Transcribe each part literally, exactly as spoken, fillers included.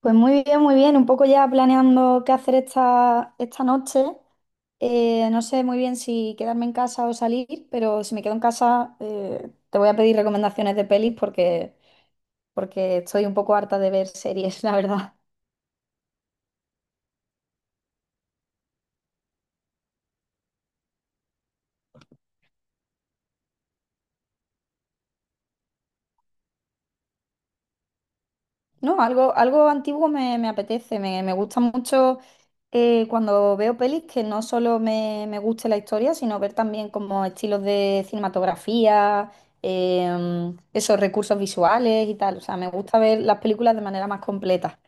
Pues muy bien, muy bien. Un poco ya planeando qué hacer esta, esta noche. Eh, no sé muy bien si quedarme en casa o salir, pero si me quedo en casa, eh, te voy a pedir recomendaciones de pelis porque, porque estoy un poco harta de ver series, la verdad. No, algo, algo antiguo me, me apetece, me, me gusta mucho eh, cuando veo pelis que no solo me, me guste la historia, sino ver también como estilos de cinematografía, em, esos recursos visuales y tal. O sea, me gusta ver las películas de manera más completa.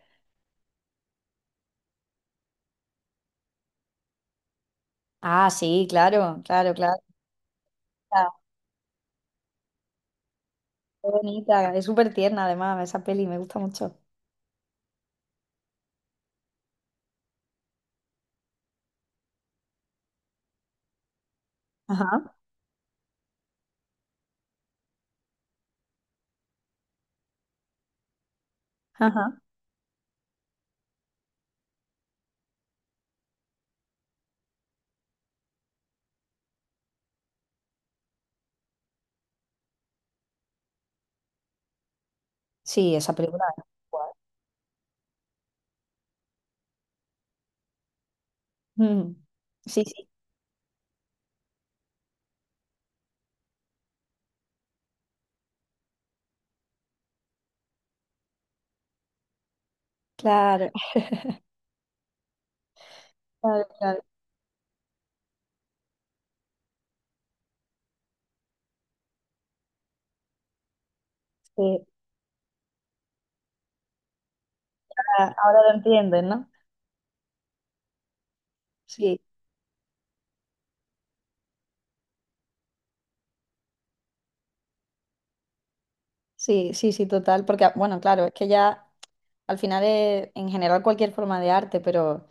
Ah, sí, claro, claro, claro. Ah, qué bonita, es súper tierna además esa peli, me gusta mucho. Ajá, ajá. Sí, esa película. Mm. Sí, sí, claro, claro, claro. Sí. Ah, ahora lo entienden, ¿no? Sí, sí, sí, sí, total, porque ah, bueno, claro, es que ya al final es en general cualquier forma de arte, pero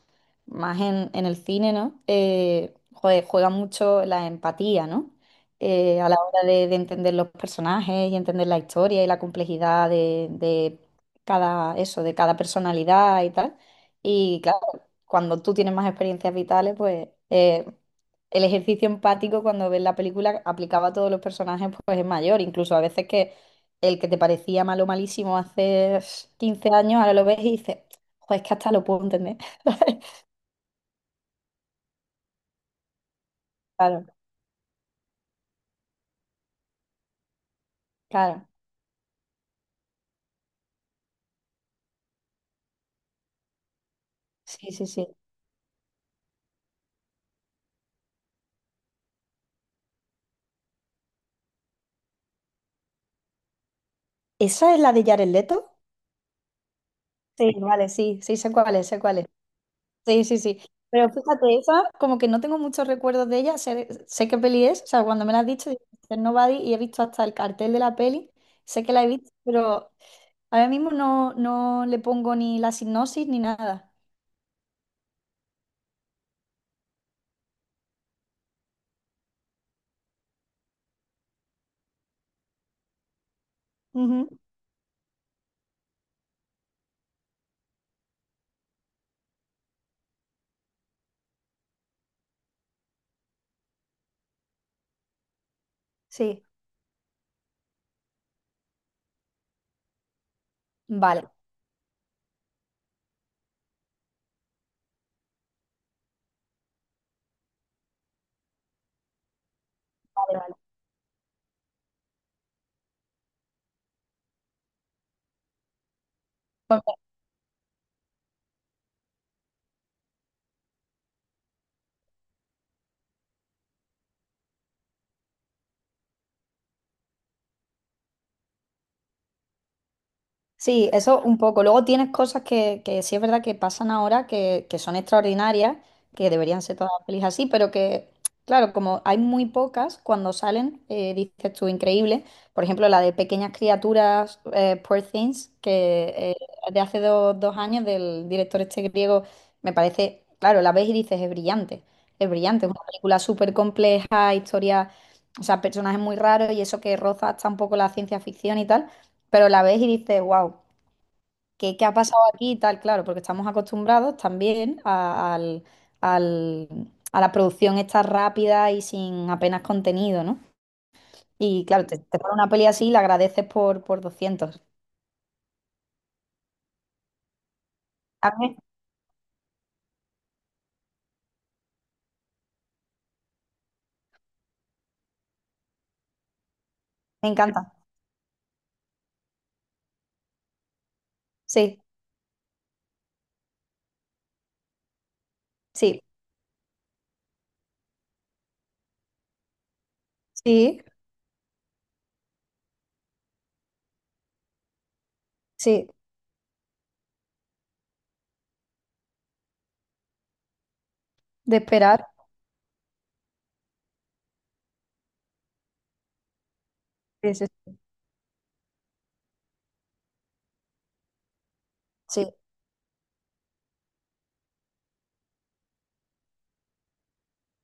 más en, en el cine, ¿no? Eh, jue- juega mucho la empatía, ¿no? Eh, a la hora de, de entender los personajes y entender la historia y la complejidad de, de cada eso, de cada personalidad y tal. Y claro, cuando tú tienes más experiencias vitales, pues eh, el ejercicio empático cuando ves la película aplicaba a todos los personajes, pues es mayor, incluso a veces que el que te parecía malo, malísimo hace quince años, ahora lo ves y dices, joder, es que hasta lo puedo entender. Claro, claro. Sí, sí, sí. ¿Esa es la de Jared Leto? Sí, vale, sí, sí, sé cuál es, sé cuál es. Sí, sí, sí. Pero fíjate, esa, como que no tengo muchos recuerdos de ella, sé, sé qué peli es, o sea, cuando me la has dicho, digo, "míster Nobody", y he visto hasta el cartel de la peli, sé que la he visto, pero ahora mismo no, no le pongo ni la sinopsis ni nada. Ujú, sí, vale, vale, vale. Pues sí, eso un poco. Luego tienes cosas que, que sí es verdad que pasan ahora, que, que son extraordinarias, que deberían ser todas las pelis así, pero que, claro, como hay muy pocas, cuando salen, eh, dices tú, increíble. Por ejemplo, la de Pequeñas Criaturas, eh, Poor Things, que eh, de hace do- dos años, del director este griego, me parece, claro, la ves y dices, es brillante, es brillante, es una película súper compleja, historia, o sea, personajes muy raros y eso que roza hasta un poco la ciencia ficción y tal, pero la ves y dices, wow. ¿Qué, qué ha pasado aquí y tal? Claro, porque estamos acostumbrados también a, al- al- a la producción esta rápida y sin apenas contenido, ¿no? Y claro, te, te ponen una peli así y la agradeces por, por doscientos. A mí me encanta. Sí, sí, sí, sí, de esperar. Sí, sí, sí.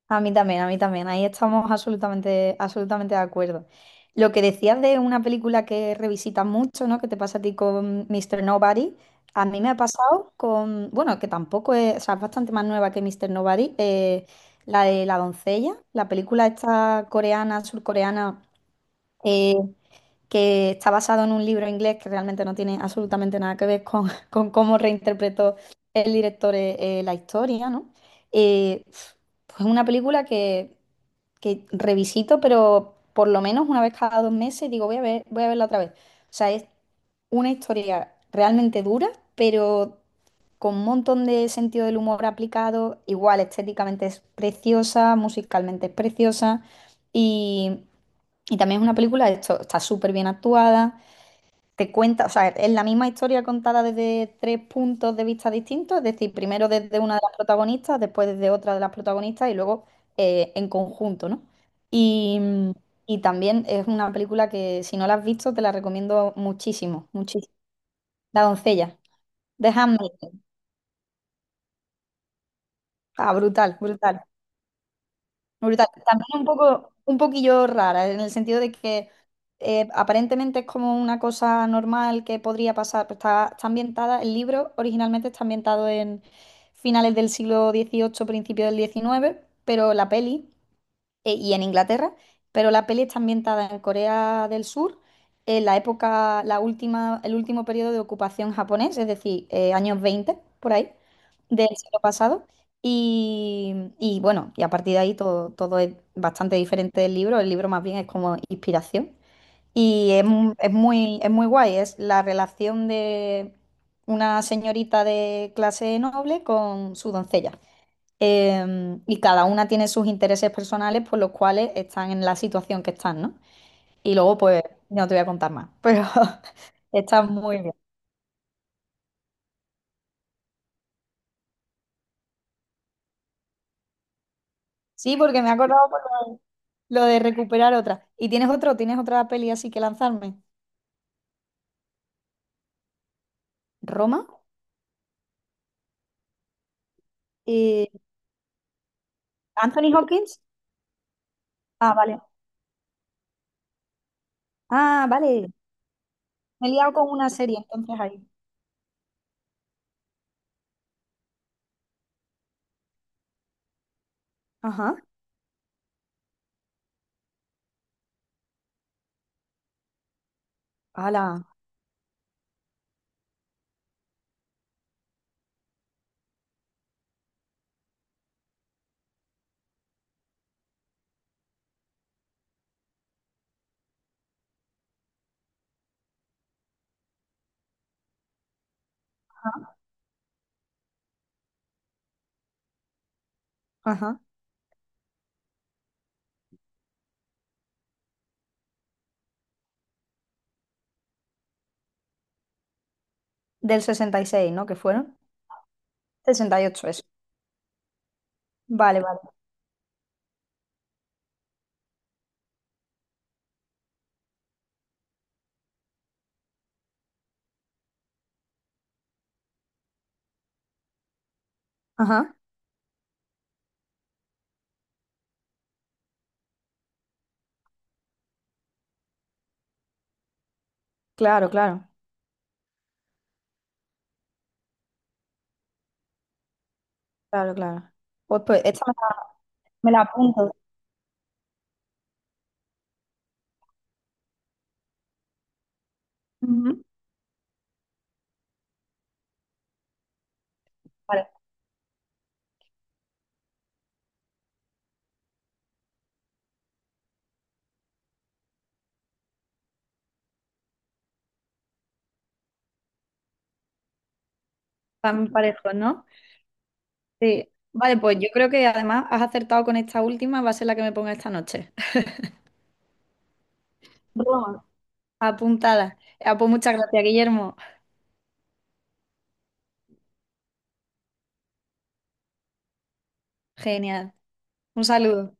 A mí también, a mí también. Ahí estamos absolutamente, absolutamente de acuerdo. Lo que decías de una película que revisitas mucho, ¿no? Que te pasa a ti con míster Nobody. A mí me ha pasado con, bueno, que tampoco es, o sea, es bastante más nueva que míster Nobody, eh, la de La doncella, la película esta coreana, surcoreana, eh, que está basado en un libro inglés que realmente no tiene absolutamente nada que ver con, con cómo reinterpretó el director eh, eh, la historia, ¿no? Eh, pues una película que que revisito, pero por lo menos una vez cada dos meses digo, voy a ver, voy a verla otra vez. O sea, es una historia realmente dura, pero con un montón de sentido del humor aplicado. Igual, estéticamente es preciosa, musicalmente es preciosa y, y también es una película, esto está súper bien actuada, te cuenta, o sea, es la misma historia contada desde tres puntos de vista distintos, es decir, primero desde una de las protagonistas, después desde otra de las protagonistas y luego eh, en conjunto, ¿no? Y, mm, y también es una película que si no la has visto te la recomiendo muchísimo, muchísimo. La doncella, de Handmaiden. Ah, brutal, brutal. Brutal. También un poco, un poquillo rara, en el sentido de que eh, aparentemente es como una cosa normal que podría pasar, pero está, está ambientada, el libro originalmente está ambientado en finales del siglo dieciocho, principio del diecinueve, pero la peli eh, y en Inglaterra, pero la peli está ambientada en Corea del Sur, en la época, la última, el último periodo de ocupación japonés, es decir, eh, años veinte por ahí, del siglo pasado. Y, y bueno, y a partir de ahí todo, todo es bastante diferente del libro. El libro más bien es como inspiración. Y es, mu- es muy, es muy guay, es la relación de una señorita de clase noble con su doncella. Em, y cada una tiene sus intereses personales por los cuales están en la situación que están, ¿no? Y luego, pues, no te voy a contar más, pero está muy bien. Sí, porque me he acordado por lo lo de recuperar otra. ¿Y tienes otro? ¿Tienes otra peli así que lanzarme? ¿Roma? Eh, ¿Anthony Hopkins? Ah, vale. Ah, vale. Me he liado con una serie, entonces ahí. Ajá. Ala. Ajá. ¿Del sesenta y seis, no? ¿Que fueron? Sesenta y ocho, eso. Vale, vale. Ajá. Claro, claro. Claro, claro. Pues, pues, esta, me la apunto. Ujú. Vale. Van parejos, ¿no? Sí. Vale, pues yo creo que además has acertado con esta última, va a ser la que me ponga esta noche. Broma. Apuntada. Ah, pues muchas gracias, Guillermo. Genial. Un saludo.